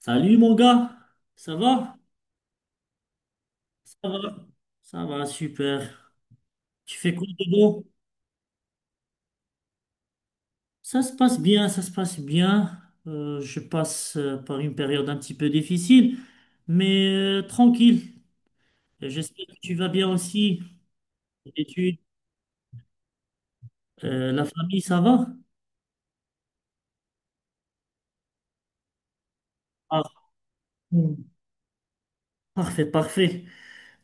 Salut mon gars, ça va? Ça va, ça va, super. Tu fais quoi de beau? Ça se passe bien, ça se passe bien. Je passe par une période un petit peu difficile, mais tranquille. Et j'espère que tu vas bien aussi. Les études, la famille, ça va? Ah, hmm, parfait, parfait.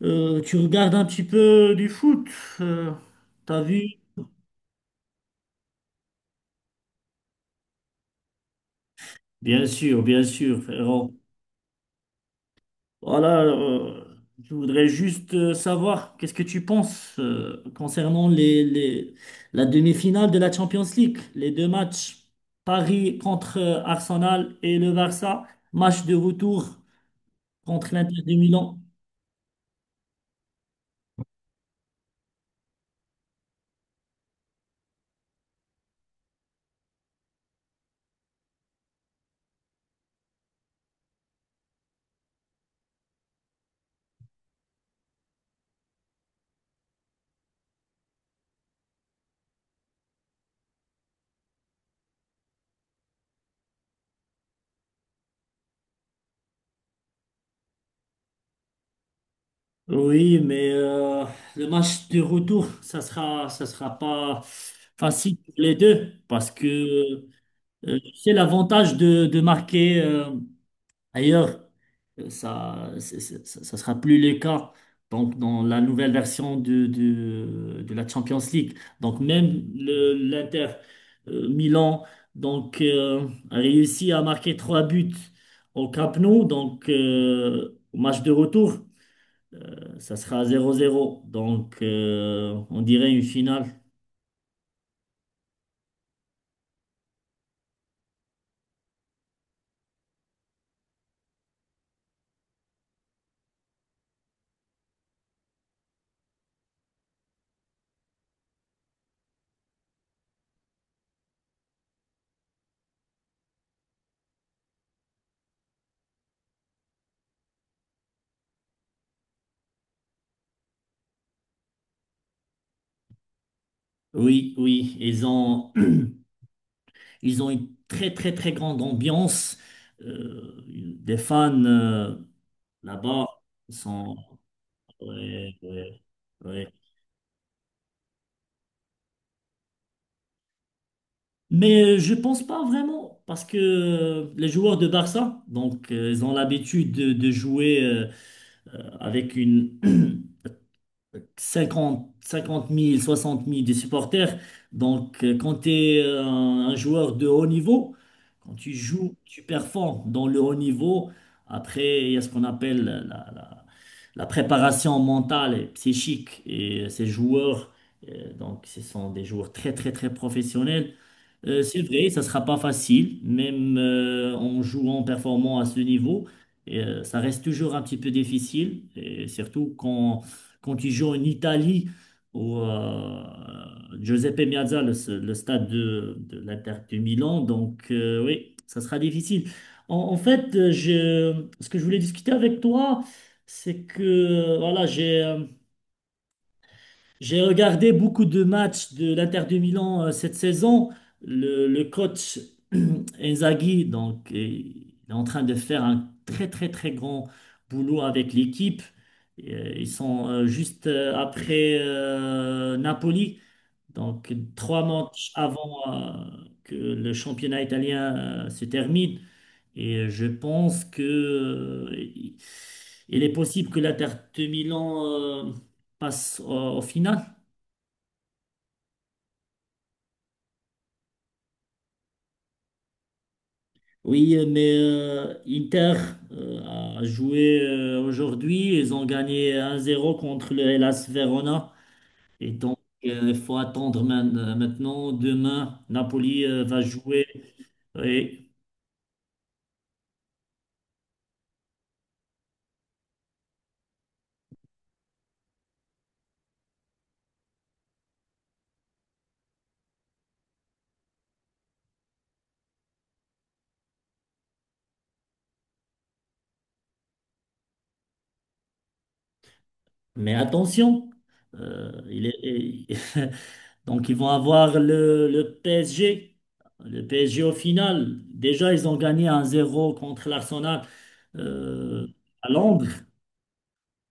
Tu regardes un petit peu du foot, euh, t'as vu? Bien sûr, frérot. Voilà, je voudrais juste savoir qu'est-ce que tu penses concernant la demi-finale de la Champions League, les deux matchs, Paris contre Arsenal et le Barça, match de retour contre l'Inter de Milan. Oui, mais le match de retour, ça sera pas facile pour les deux parce que c'est l'avantage de marquer. Ailleurs, ça, c'est- ça ça sera plus le cas. Donc, dans la nouvelle version de la Champions League. Donc, même l'Inter Milan donc, a réussi à marquer trois buts au Camp Nou. Donc, au match de retour, ça sera 0-0. Donc, on dirait une finale. Oui, oui, ils ont, ils ont une très, très, très grande ambiance. Des fans. Là-bas, ils sont... ouais, ouais, ouais. Mais je pense pas vraiment, parce que les joueurs de Barça, donc, ils ont l'habitude de jouer avec une 50 000, 60 000 des supporters. Donc, quand tu es un joueur de haut niveau, quand tu joues, tu performes dans le haut niveau. Après, il y a ce qu'on appelle la- la préparation mentale et psychique et ces joueurs, donc ce sont des joueurs très très très professionnels. C'est vrai, ça sera pas facile, même en jouant, en performant à ce niveau, et, ça reste toujours un petit peu difficile, et surtout quand, quand tu joues en Italie, au Giuseppe Meazza, le stade de l'Inter de Milan, donc oui, ça sera difficile. En, en fait, ce que je voulais discuter avec toi, c'est que voilà, j'ai regardé beaucoup de matchs de l'Inter de Milan cette saison. Le coach Inzaghi, donc, il est en train de faire un très très très grand boulot avec l'équipe. Et, ils sont juste après Napoli, donc trois matchs avant que le championnat italien se termine. Et je pense que il est possible que l'Inter Milan euh, passe au final. Oui, mais Inter euh, a joué aujourd'hui. Ils ont gagné 1-0 contre le Hellas Verona. Et donc, il faut attendre maintenant. Demain, Napoli va jouer. Et Mais attention, euh, il est, donc ils vont avoir le PSG. Le PSG au final, déjà ils ont gagné 1-0 contre l'Arsenal euh, à Londres.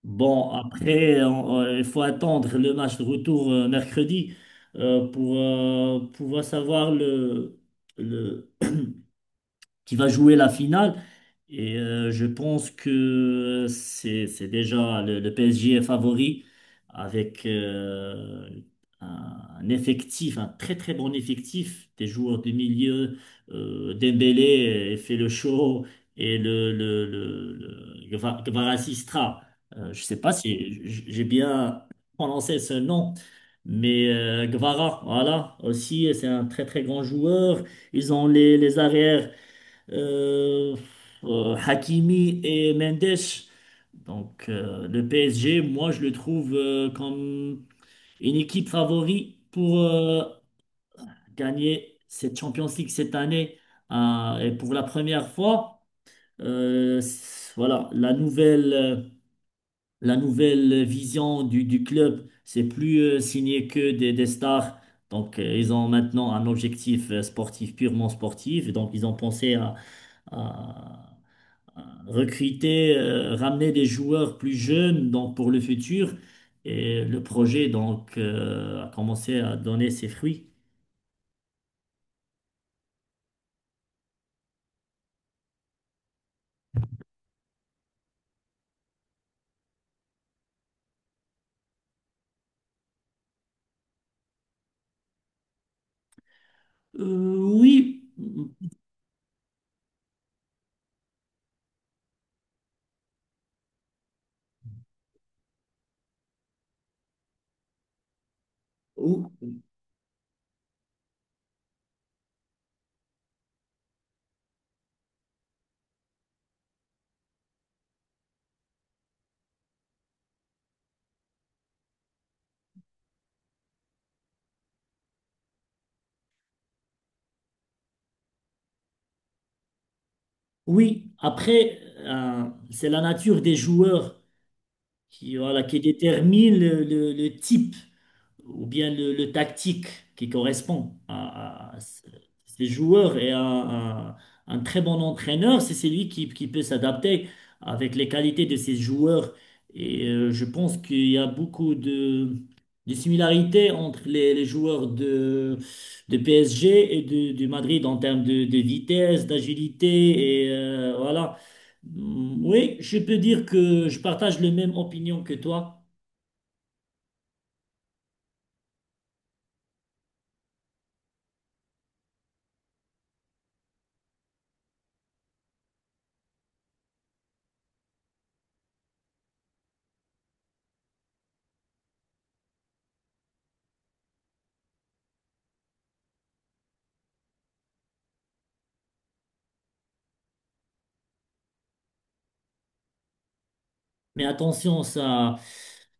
Bon, après, il faut attendre le match de retour mercredi pour pouvoir savoir le, qui va jouer la finale. Et je pense que c'est déjà le PSG est favori avec un effectif, un très très bon effectif, des joueurs du milieu. Dembélé fait le show et Kvaratskhelia. Je sais pas si j'ai bien prononcé ce nom. Mais Gvara, voilà, aussi, c'est un très très grand joueur. Ils ont les arrières. Euh, Hakimi et Mendes. Donc le PSG, moi je le trouve comme une équipe favori pour gagner cette Champions League cette année. Et pour la première fois, voilà, la nouvelle vision du club, c'est plus signer que des stars. Donc ils ont maintenant un objectif sportif, purement sportif. Et donc ils ont pensé à recruter, ramener des joueurs plus jeunes donc pour le futur. Et le projet donc a commencé à donner ses fruits. Euh, oui, Ou- oui. Après, c'est la nature des joueurs qui, voilà, qui détermine le type ou bien le tactique qui correspond ces joueurs et un très bon entraîneur, c'est celui qui peut s'adapter avec les qualités de ces joueurs. Et je pense qu'il y a beaucoup de similarités entre les joueurs de PSG et de Madrid en termes de vitesse, d'agilité et voilà. Mm, oui, je peux dire que je partage la même opinion que toi. Mais attention, ça,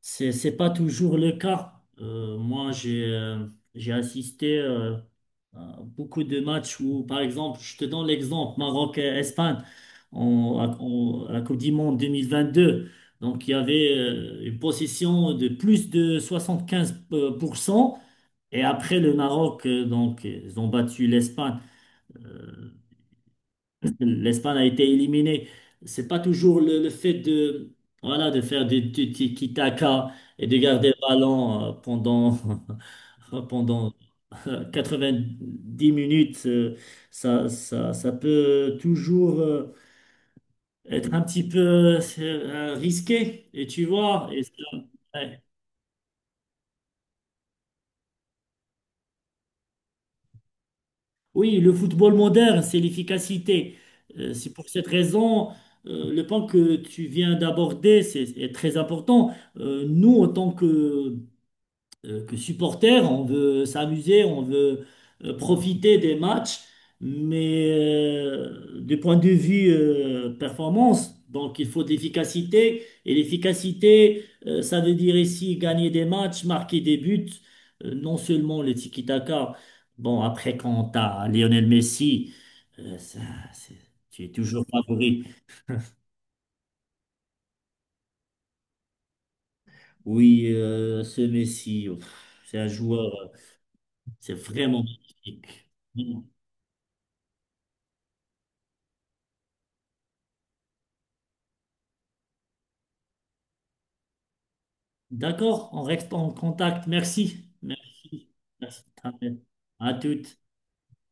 c'est pas toujours le cas. Moi, j'ai assisté à beaucoup de matchs où, par exemple, je te donne l'exemple, Maroc-Espagne, à la Coupe du Monde 2022. Donc, il y avait une possession de plus de 75%. Et après, le Maroc, donc, ils ont battu l'Espagne. euh, L'Espagne a été éliminée. C'est pas toujours le fait voilà, de faire du tiki-taka et de garder le ballon pendant, pendant 90 minutes. Ça peut toujours être un petit peu risqué. Et tu vois, ouais, oui, le football moderne, c'est l'efficacité. C'est pour cette raison, le point que tu viens d'aborder est très important. Nous, en tant que supporter, on veut s'amuser, on veut profiter des matchs, mais du point de vue performance, donc il faut de l'efficacité, et l'efficacité, ça veut dire ici gagner des matchs, marquer des buts, non seulement le tiki-taka. Bon, après, quand t'as Lionel Messi, euh, ça, c'est- tu es toujours favori. Oui, ce Messi, pff, c'est un joueur, c'est vraiment magnifique. Mm. D'accord, on reste en contact. Merci. Merci. Merci. À toutes.